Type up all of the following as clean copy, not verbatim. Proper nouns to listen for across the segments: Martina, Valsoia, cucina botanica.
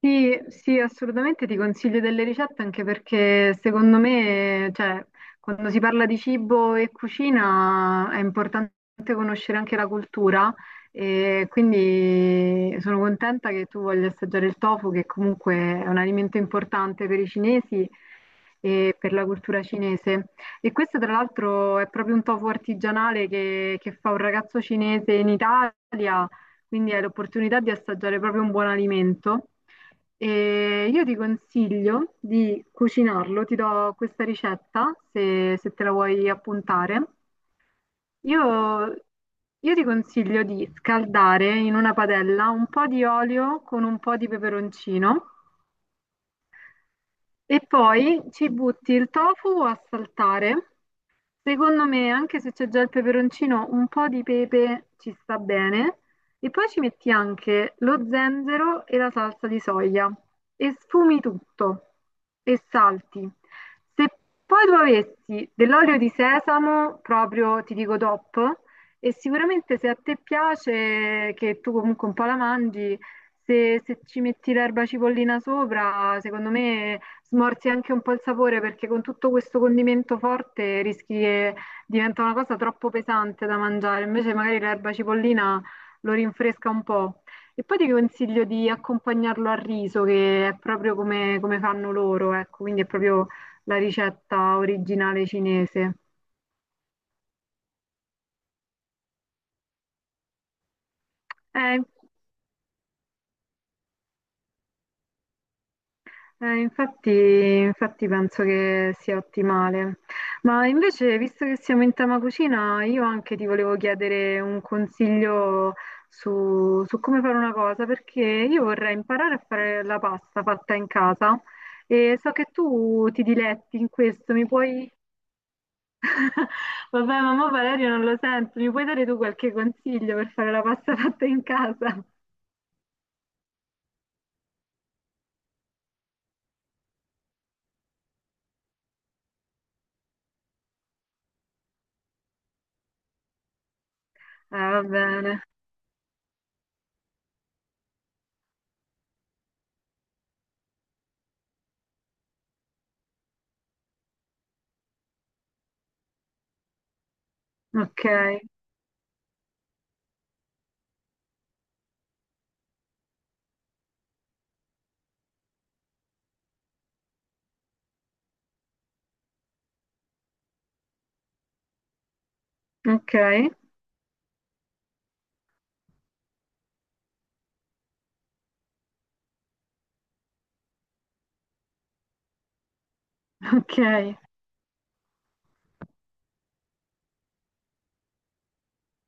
Sì, sì, assolutamente ti consiglio delle ricette anche perché secondo me, cioè, quando si parla di cibo e cucina è importante conoscere anche la cultura e quindi sono contenta che tu voglia assaggiare il tofu, che comunque è un alimento importante per i cinesi e per la cultura cinese. E questo tra l'altro è proprio un tofu artigianale che fa un ragazzo cinese in Italia, quindi hai l'opportunità di assaggiare proprio un buon alimento. E io ti consiglio di cucinarlo, ti do questa ricetta se te la vuoi appuntare. Io, io ti consiglio di scaldare in una padella un po' di olio con un po' di peperoncino e poi ci butti il tofu a saltare. Secondo me, anche se c'è già il peperoncino, un po' di pepe ci sta bene. E poi ci metti anche lo zenzero e la salsa di soia. E sfumi tutto e salti. Se poi tu avessi dell'olio di sesamo, proprio ti dico top. E sicuramente se a te piace, che tu comunque un po' la mangi, se ci metti l'erba cipollina sopra, secondo me smorzi anche un po' il sapore perché con tutto questo condimento forte rischi che diventa una cosa troppo pesante da mangiare. Invece magari l'erba cipollina lo rinfresca un po'. E poi ti consiglio di accompagnarlo al riso, che è proprio come fanno loro, ecco, quindi è proprio la ricetta originale cinese. Eh, Eh, infatti, penso che sia ottimale. Ma invece, visto che siamo in tema cucina, io anche ti volevo chiedere un consiglio su come fare una cosa, perché io vorrei imparare a fare la pasta fatta in casa e so che tu ti diletti in questo, mi puoi... Vabbè, mamma Valerio non lo sento, mi puoi dare tu qualche consiglio per fare la pasta fatta in casa? Va bene, ok, ok, ok,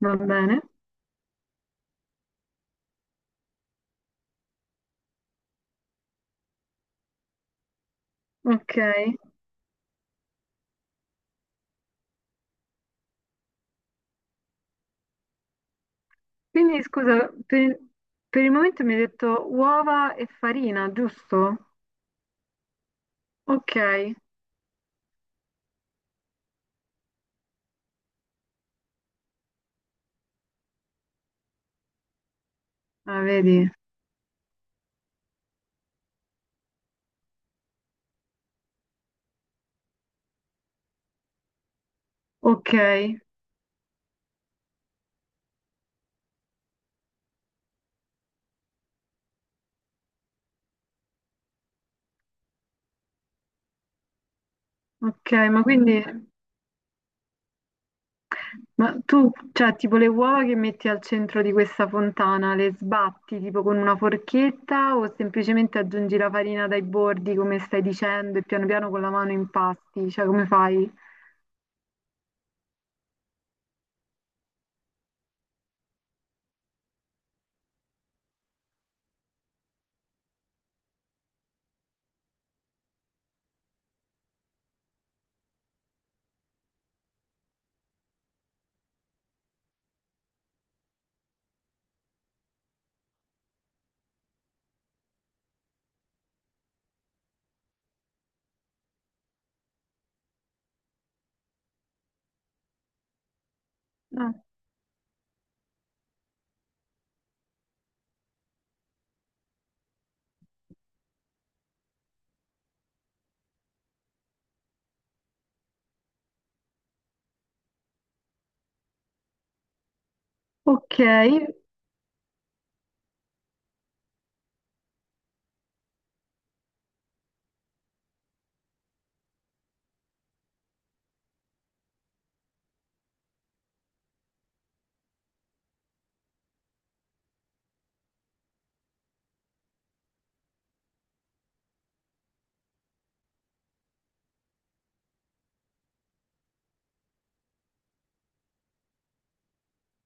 va bene. Ok, quindi scusa, per il momento mi hai detto uova e farina, giusto? Ok, ah, vedi, ok, ok, ma quindi, ma tu, cioè, tipo le uova che metti al centro di questa fontana, le sbatti tipo con una forchetta o semplicemente aggiungi la farina dai bordi, come stai dicendo, e piano piano con la mano impasti, cioè come fai? Ah, ok,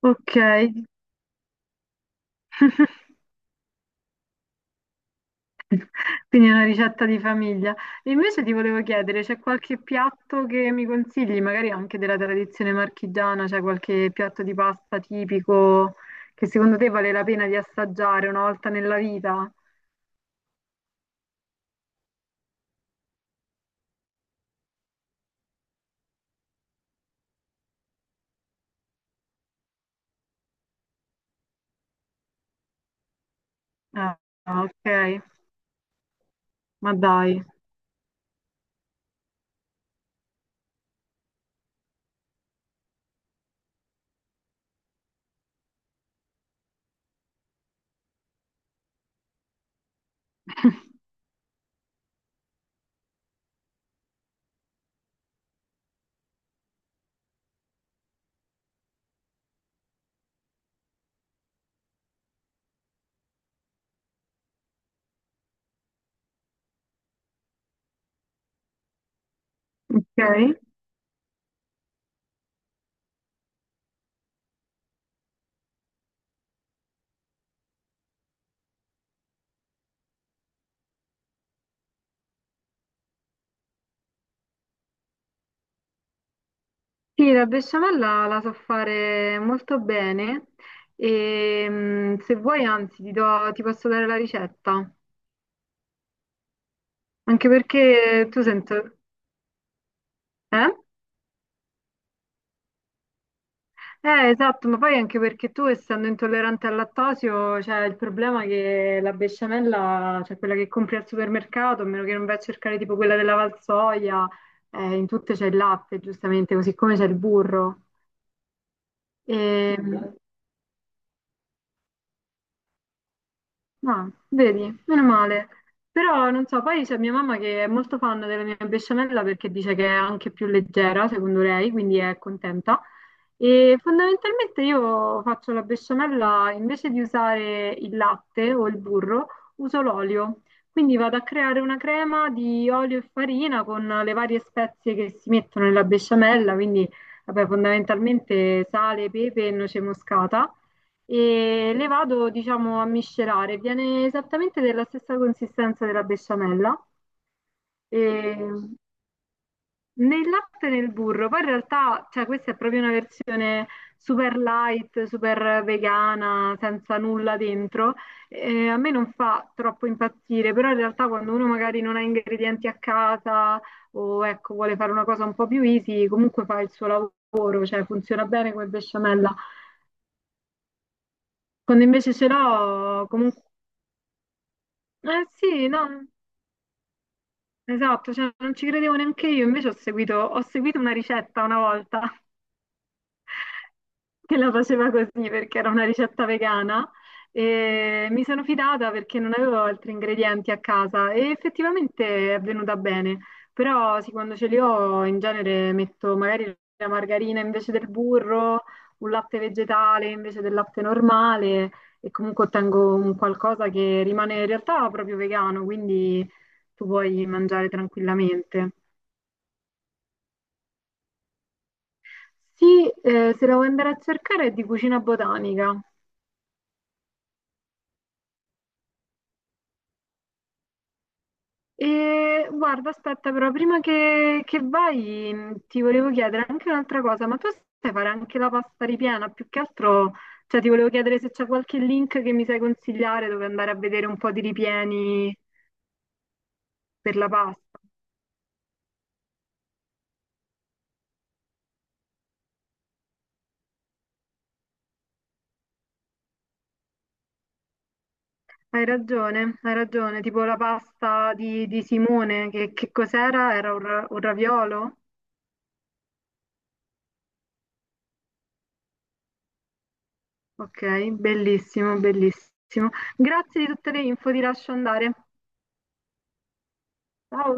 ok. Quindi è una ricetta di famiglia. E invece ti volevo chiedere, c'è qualche piatto che mi consigli, magari anche della tradizione marchigiana, c'è qualche piatto di pasta tipico che secondo te vale la pena di assaggiare una volta nella vita? Ah, ok, ma dai. Ok. Sì, la besciamella la so fare molto bene e mm, se vuoi, anzi, ti do- ti posso dare la ricetta, anche perché tu sento... Eh? Esatto, ma poi anche perché tu, essendo intollerante al lattosio, cioè il problema è che la besciamella, cioè quella che compri al supermercato, a meno che non vai a cercare tipo quella della Valsoia, in tutte c'è il latte, giustamente, così come c'è il burro. E, mm. Ah, vedi, meno male. Però non so, poi c'è mia mamma che è molto fan della mia besciamella perché dice che è anche più leggera, secondo lei, quindi è contenta. E fondamentalmente io faccio la besciamella invece di usare il latte o il burro, uso l'olio. Quindi vado a creare una crema di olio e farina con le varie spezie che si mettono nella besciamella, quindi vabbè, fondamentalmente sale, pepe e noce moscata e le vado, diciamo, a miscelare. Viene esattamente della stessa consistenza della besciamella. E nel latte e nel burro, poi in realtà, cioè, questa è proprio una versione super light, super vegana, senza nulla dentro. A me non fa troppo impazzire, però in realtà quando uno magari non ha ingredienti a casa o ecco, vuole fare una cosa un po' più easy, comunque fa il suo lavoro, cioè funziona bene come besciamella. Quando invece ce l'ho, comunque eh sì, no, esatto, cioè, non ci credevo neanche io, invece ho seguito una ricetta una volta che la faceva così perché era una ricetta vegana e mi sono fidata perché non avevo altri ingredienti a casa e effettivamente è venuta bene. Però sì, quando ce li ho in genere metto magari la margarina invece del burro, un latte vegetale invece del latte normale e comunque ottengo un qualcosa che rimane in realtà proprio vegano, quindi tu puoi mangiare tranquillamente. Sì, se la vuoi andare a cercare è di cucina botanica. E guarda, aspetta, però prima che vai ti volevo chiedere anche un'altra cosa, ma tu sai fare anche la pasta ripiena? Più che altro, cioè ti volevo chiedere se c'è qualche link che mi sai consigliare dove andare a vedere un po' di ripieni per la pasta. Hai ragione, tipo la pasta di Simone, che cos'era? Era un, ra- un raviolo? Ok, bellissimo, bellissimo. Grazie di tutte le info, ti lascio andare. Ciao.